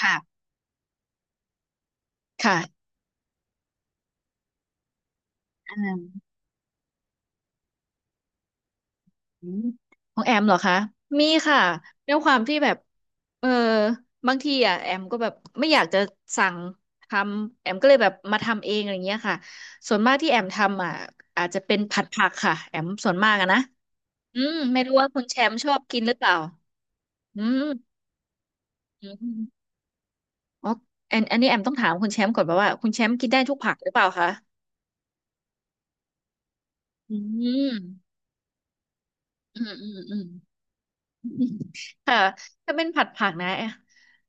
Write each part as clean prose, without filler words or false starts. ค่ะค่ะอือืมของแอมเหรอคะ มีค่ะด้วยความที่แบบเออบางทีอ่ะแอมก็แบบไม่อยากจะสั่งทำ แอมก็เลยแบบมาทำเองอะไรเงี้ยค่ะส่วนมากที่แอมทำอ่ะอาจจะเป็นผัดผักค่ะแอมส่วนมากอะนะอืมไม่รู้ว่าคุณแชมป์ชอบกินหรือเปล่าอืมอืมอ๋ออันนี้แอมต้องถามคุณแชมป์ก่อน่าว่าคุณแชมป์กินได้ทุกผักหรือเปล่าคะอืมอืมอืมอืม ค่ะถ้าเป็นผัดผักนะ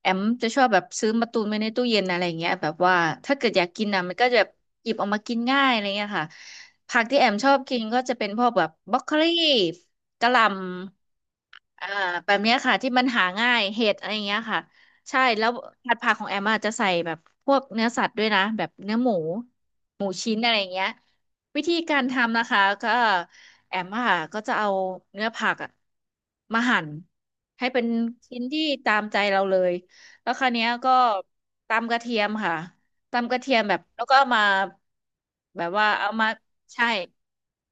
แอมจะชอบแบบซื้อมาตุนไว้ในตู้เย็นอะไรเงี้ยแบบว่าถ้าเกิดอยากกินนะมันก็จะหยิบออกมากินง่ายอะไรเงี้ยค่ะผักที่แอมชอบกินก็จะเป็นพวกแบบบรอกโคลีกะหล่ำ อ่าแบบเนี้ยค่ะที่มันหาง่ายเห็ดอะไรอย่างเงี้ยค่ะใช่แล้วผัดผักของแอมอาจจะใส่แบบพวกเนื้อสัตว์ด้วยนะแบบเนื้อหมูหมูชิ้นอะไรอย่างเงี้ยวิธีการทำนะคะก็แอมอะค่ะก็จะเอาเนื้อผักอะมาหั่นให้เป็นชิ้นที่ตามใจเราเลยแล้วคราวเนี้ยก็ตำกระเทียมค่ะ ตำกระเทียมแบบแล้วก็เอามาแบบว่าเอามาใช่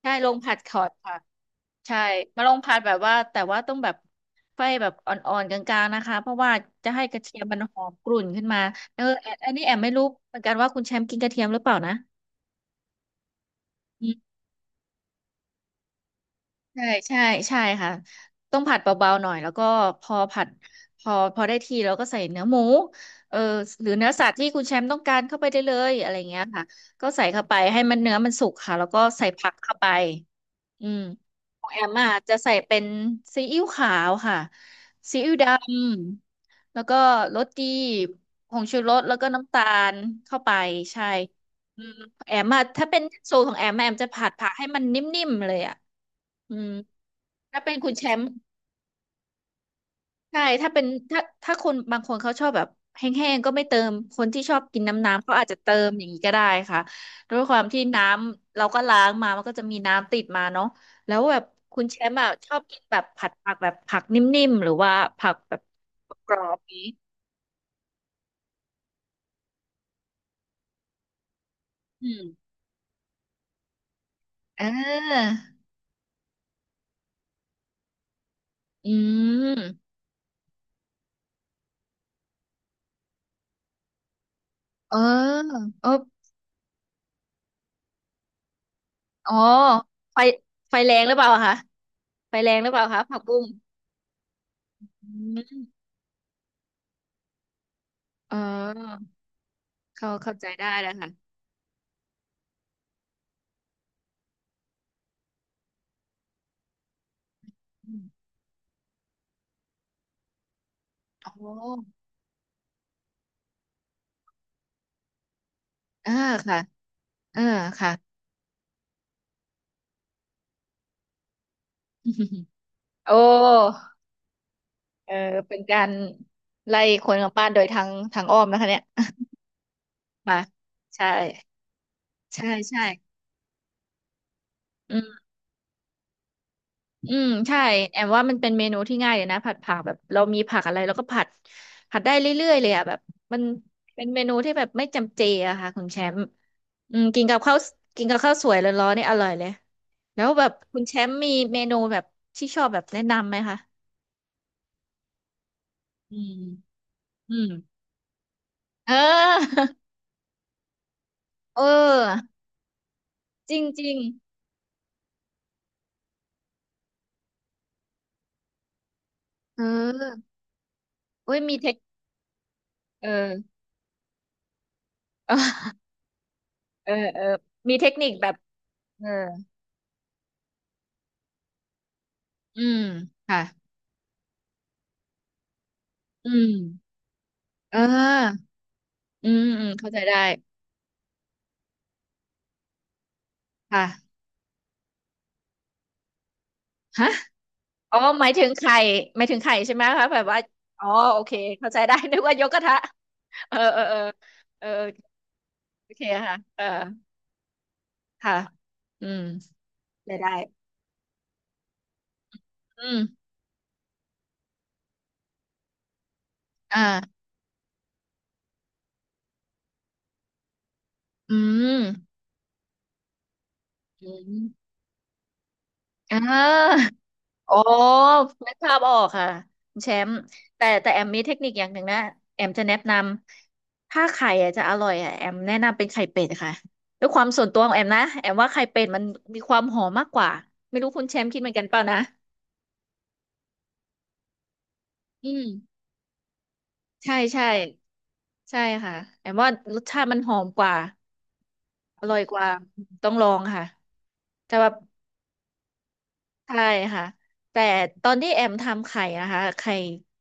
ใช่ลงผัดขอดค่ะใช่มาลงผัดแบบว่าแต่ว่าต้องแบบไฟแบบอ่อนๆกลางๆนะคะเพราะว่าจะให้กระเทียมมันหอมกรุ่นขึ้นมาเอออันนี้แอมไม่รู้เหมือนกันว่าคุณแชมป์กินกระเทียมหรือเปล่านะ ใช่ใช่ใช่ค่ะต้องผัดเบาๆหน่อยแล้วก็พอผัดพอพอได้ที่แล้วก็ใส่เนื้อหมูเออหรือเนื้อสัตว์ที่คุณแชมป์ต้องการเข้าไปได้เลยอะไรเงี้ยค่ะก็ใส่เข้าไปให้มันเนื้อมันสุกค่ะแล้วก็ใส่ผักเข้าไป อืม ของแอมอ่ะจะใส่เป็นซีอิ๊วขาวค่ะ ซีอิ๊วดำแล้วก็รสดีผงชูรสแล้วก็น้ำตาลเข้าไปใช่ อืม แอมอ่ะถ้าเป็นสูตรของแอมอะแอมจะผัดผักให้มันนิ่มๆเลยอ่ะ อืม ถ้าเป็นคุณแชมป์ ใช่ถ้าเป็นถ้าคนบางคนเขาชอบแบบแห้งๆก็ไม่เติม คนที่ชอบกินน้ำๆ เขาอาจจะเติมอย่างนี้ก็ได้ค่ะด้วยความที่น้ำเราก็ล้างมามันก็จะมีน้ำติดมาเนาะแล้วแบบคุณแชมป์อะชอบกินแบบผัดผักแบบผักนิ่มๆหรือว่าผักแบบกรอบๆนี้อืมเอออืมเออเอออ๋อไฟไฟแรงหรือเปล่าคะไฟแรงหรือเปล่าคะผักบุ้งอืมเออเขาเข้าใจได้แล้วค่ะอืมอ๋อ อ่าค่ะอ่าค่ะ โอ้เออเป็นการไล่คนกลับบ้านโดยทางอ้อมนะคะเนี่ย มาใช่ใช่ใช่อืมอืมใช่แอมว่ามันเป็นเมนูที่ง่ายเลยนะผัดผักแบบเรามีผักอะไรเราก็ผัดผัดได้เรื่อยๆเลยอะแบบมันเป็นเมนูที่แบบไม่จำเจอะค่ะคุณแชมป์อืมกินกับข้าวกินกับข้าวสวยร้อนๆนี่อร่อยเลยแล้วแบบคุณแชมป์มีเมนูแบบที่ชอบแบบแนะนำไหมคะอืมอืมเออ เออจริงจริงเออเว้ยมีเทคเออเออ เออเออมีเทคนิคแบบเอออืมค่ะอืมเอออืมอืมเข้าใจได้ค่ะฮะอ๋อหมายถึงไข่หมายถึงไข่ใช่ไหมคะแบบว่าอ๋อโอเคเข้าใจได้ นึกว่ายกกระทะเออเออเออเออโอเคค่ะเออค่ะอืมได้ได้อืมอ่าอืมอืมอ่า โอ้นึกภาพออกค่ะคุณแชมป์แต่แอมมีเทคนิคอย่างหนึ่งนะแอมจะแนะนำถ้าไข่อะจะอร่อยอะแอมแนะนำเป็นไข่เป็ดค่ะด้วยความส่วนตัวของแอมนะแอมว่าไข่เป็ดมันมีความหอมมากกว่าไม่รู้คุณแชมป์คิดเหมือนกันเปล่านะอืมใช่ใช่ใช่ค่ะแอมว่ารสชาติมันหอมกว่าอร่อยกว่าต้องลองค่ะแต่แบบ ใช่ค่ะแต่ตอนที่แอมทำไข่นะคะไข่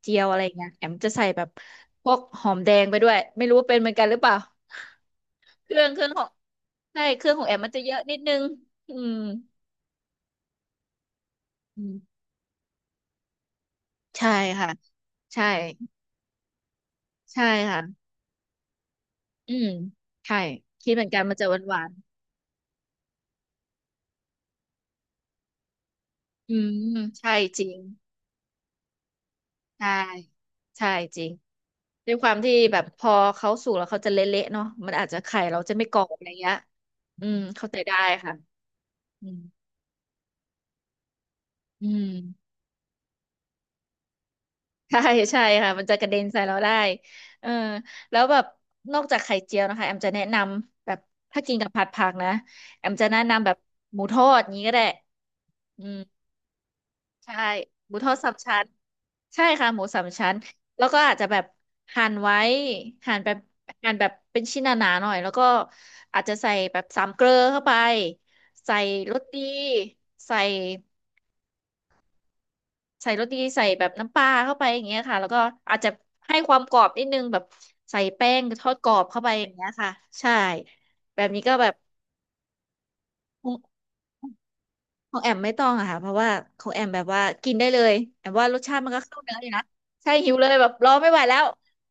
เจียวอะไรเงี้ยแอมจะใส่แบบพวกหอมแดงไปด้วยไม่รู้ว่าเป็นเหมือนกันหรือเปล่าเครื่องของใช่เครื่องของแอมมันจะเยอะนิดนึงอืมอืมใช่ค่ะใช่ใช่ค่ะอืมใช่คิดเหมือนกันมันจะหวานหวานอืมใช่จริงใช่ใช่จริงด้วยความที่แบบพอเขาสุกแล้วเขาจะเละๆเนาะมันอาจจะไข่เราจะไม่กรอบอะไรเงี้ยอืมเข้าใจได้ค่ะอืม อืม ใช่ใช่ค่ะมันจะกระเด็นใส่เราได้เออแล้วแบบนอกจากไข่เจียวนะคะแอมจะแนะนำแบบถ้ากินกับผัดผักนะแอมจะแนะนำแบบหมูทอดอย่างนี้ก็ได้อืมใช่หมูทอดสามชั้นใช่ค่ะหมูสามชั้นแล้วก็อาจจะแบบหั่นไว้หั่นแบบหั่นแบบเป็นชิ้นหนาๆหน่อยแล้วก็อาจจะใส่แบบสามเกลอเข้าไปใส่รสดีใส่ ใส่รสดีใส่แบบน้ำปลาเข้าไปอย่างเงี้ยค่ะแล้วก็อาจจะให้ความกรอบนิดนึงแบบใส่แป้งทอดกรอบเข้าไปอย่างเงี้ยค่ะใช่แบบนี้ก็แบบของของแอมไม่ต้องอะค่ะเพราะว่าของแอมแบบว่ากินได้เลยแอมว่ารสชาติมันก็เข้าเนื้ออยู่นะใช่หิวเลยแบบรอไม่ไหวแล้ว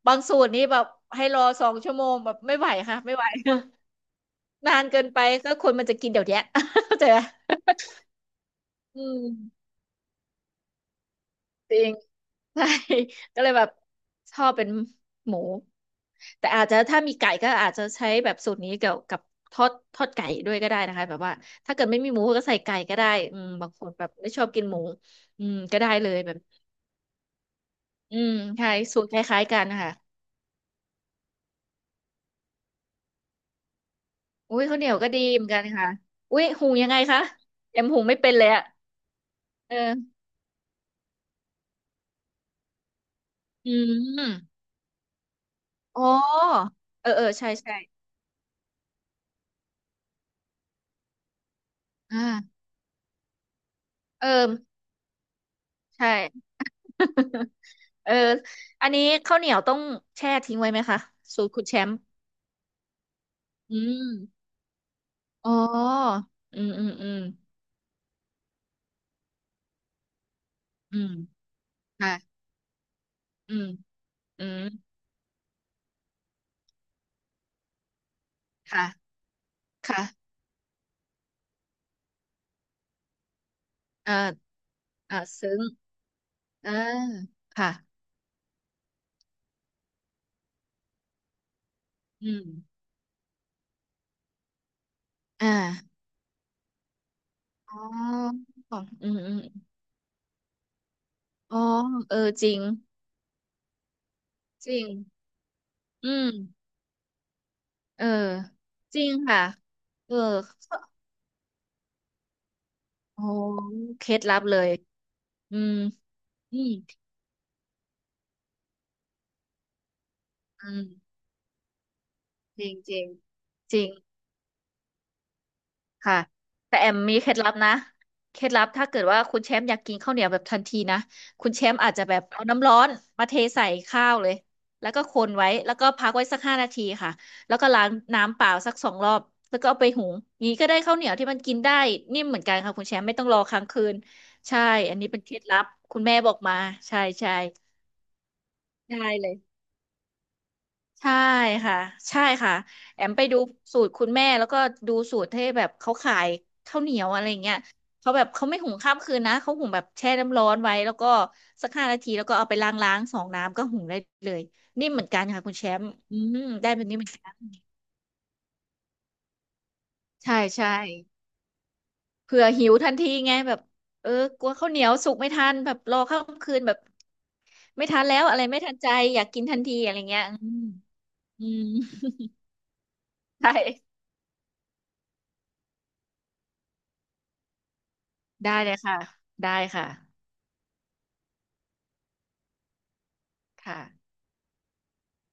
บางสูตรนี่แบบให้รอ2 ชั่วโมงแบบไม่ไหวค่ะไม่ไหว นานเกินไปก็คนมันจะกินเดี๋ยวเนี้ย เข้าใจไหมอืม จริง ใช่ ก็เลยแบบชอบเป็นหมูแต่อาจจะถ้ามีไก่ก็อาจจะใช้แบบสูตรนี้เกี่ยวกับทอดไก่ด้วยก็ได้นะคะแบบว่าถ้าเกิดไม่มีหมูก็ใส่ไก่ก็ได้อืมบางคนแบบไม่ชอบกินหมูอืมก็ได้เลยแบบอืมใช่สูตรคล้ายๆกันนะคะอุ้ยข้าวเหนียวก็ดีเหมือนกันค่ะอุ้ยหุงยังไงคะแอมหุงไม่เป็นเลยอะเอออืมอ๋อเออเออใช่ใช่อ่าเออใช่ เอออันนี้ข้าวเหนียวต้องแช่ทิ้งไว้ไหมคะ สูตรคุณแชมป์อืมอ๋ออืมอืมอืมอืมค่ะอืมอืมค่ะค่ะเออเออซึ้งเออค่ะอืมอ่าอ๋ออืมอืมอ๋อเออจริงจริง อืมเออ จริงค่ะเออโอ้เคล็ดลับเลยอืมอืมอืมจริงจริงจริง ค่ะแต่แอมมีเคล็ดลับนะเคล็ดลับถ้าเกิดว่าคุณแชมป์อยากกินข้าวเหนียวแบบทันทีนะคุณแชมป์อาจจะแบบเอาน้ำร้อนมาเทใส่ข้าวเลยแล้วก็คนไว้แล้วก็พักไว้สักห้านาทีค่ะแล้วก็ล้างน้ำเปล่าสัก2 รอบแล้วก็เอาไปหุงงี้ก็ได้ข้าวเหนียวที่มันกินได้นิ่มเหมือนกันค่ะคุณแชมป์ไม่ต้องรอค้างคืนใช่อันนี้เป็นเคล็ดลับคุณแม่บอกมาใช่ใช่ได้เลย ใช่ค่ะใช่ค่ะแอมไปดูสูตรคุณแม่แล้วก็ดูสูตรที่แบบเขาขายข้าวเหนียวอะไรเงี้ยเขาแบบเขาไม่หุงข้ามคืนนะเขาหุงแบบแช่น้ำร้อนไว้แล้วก็สักห้านาทีแล้วก็เอาไปล้างสองน้ำก็หุงได้เลยนี่มเหมือนกันค่ะคุณแชมป์อืมได้แบบนี้เหมือนกันใช่ใช่เผื่อหิวทันทีไงแบบเออกลัวข้าวเหนียวสุกไม่ทันแบบรอข้ามคืนแบบไม่ทันแล้วอะไรไม่ทันใจอยากกินทันทีอะไรเงี้ยอืมอืม ใช่ได้เลยค่ะได้ค่ะ ค่ะ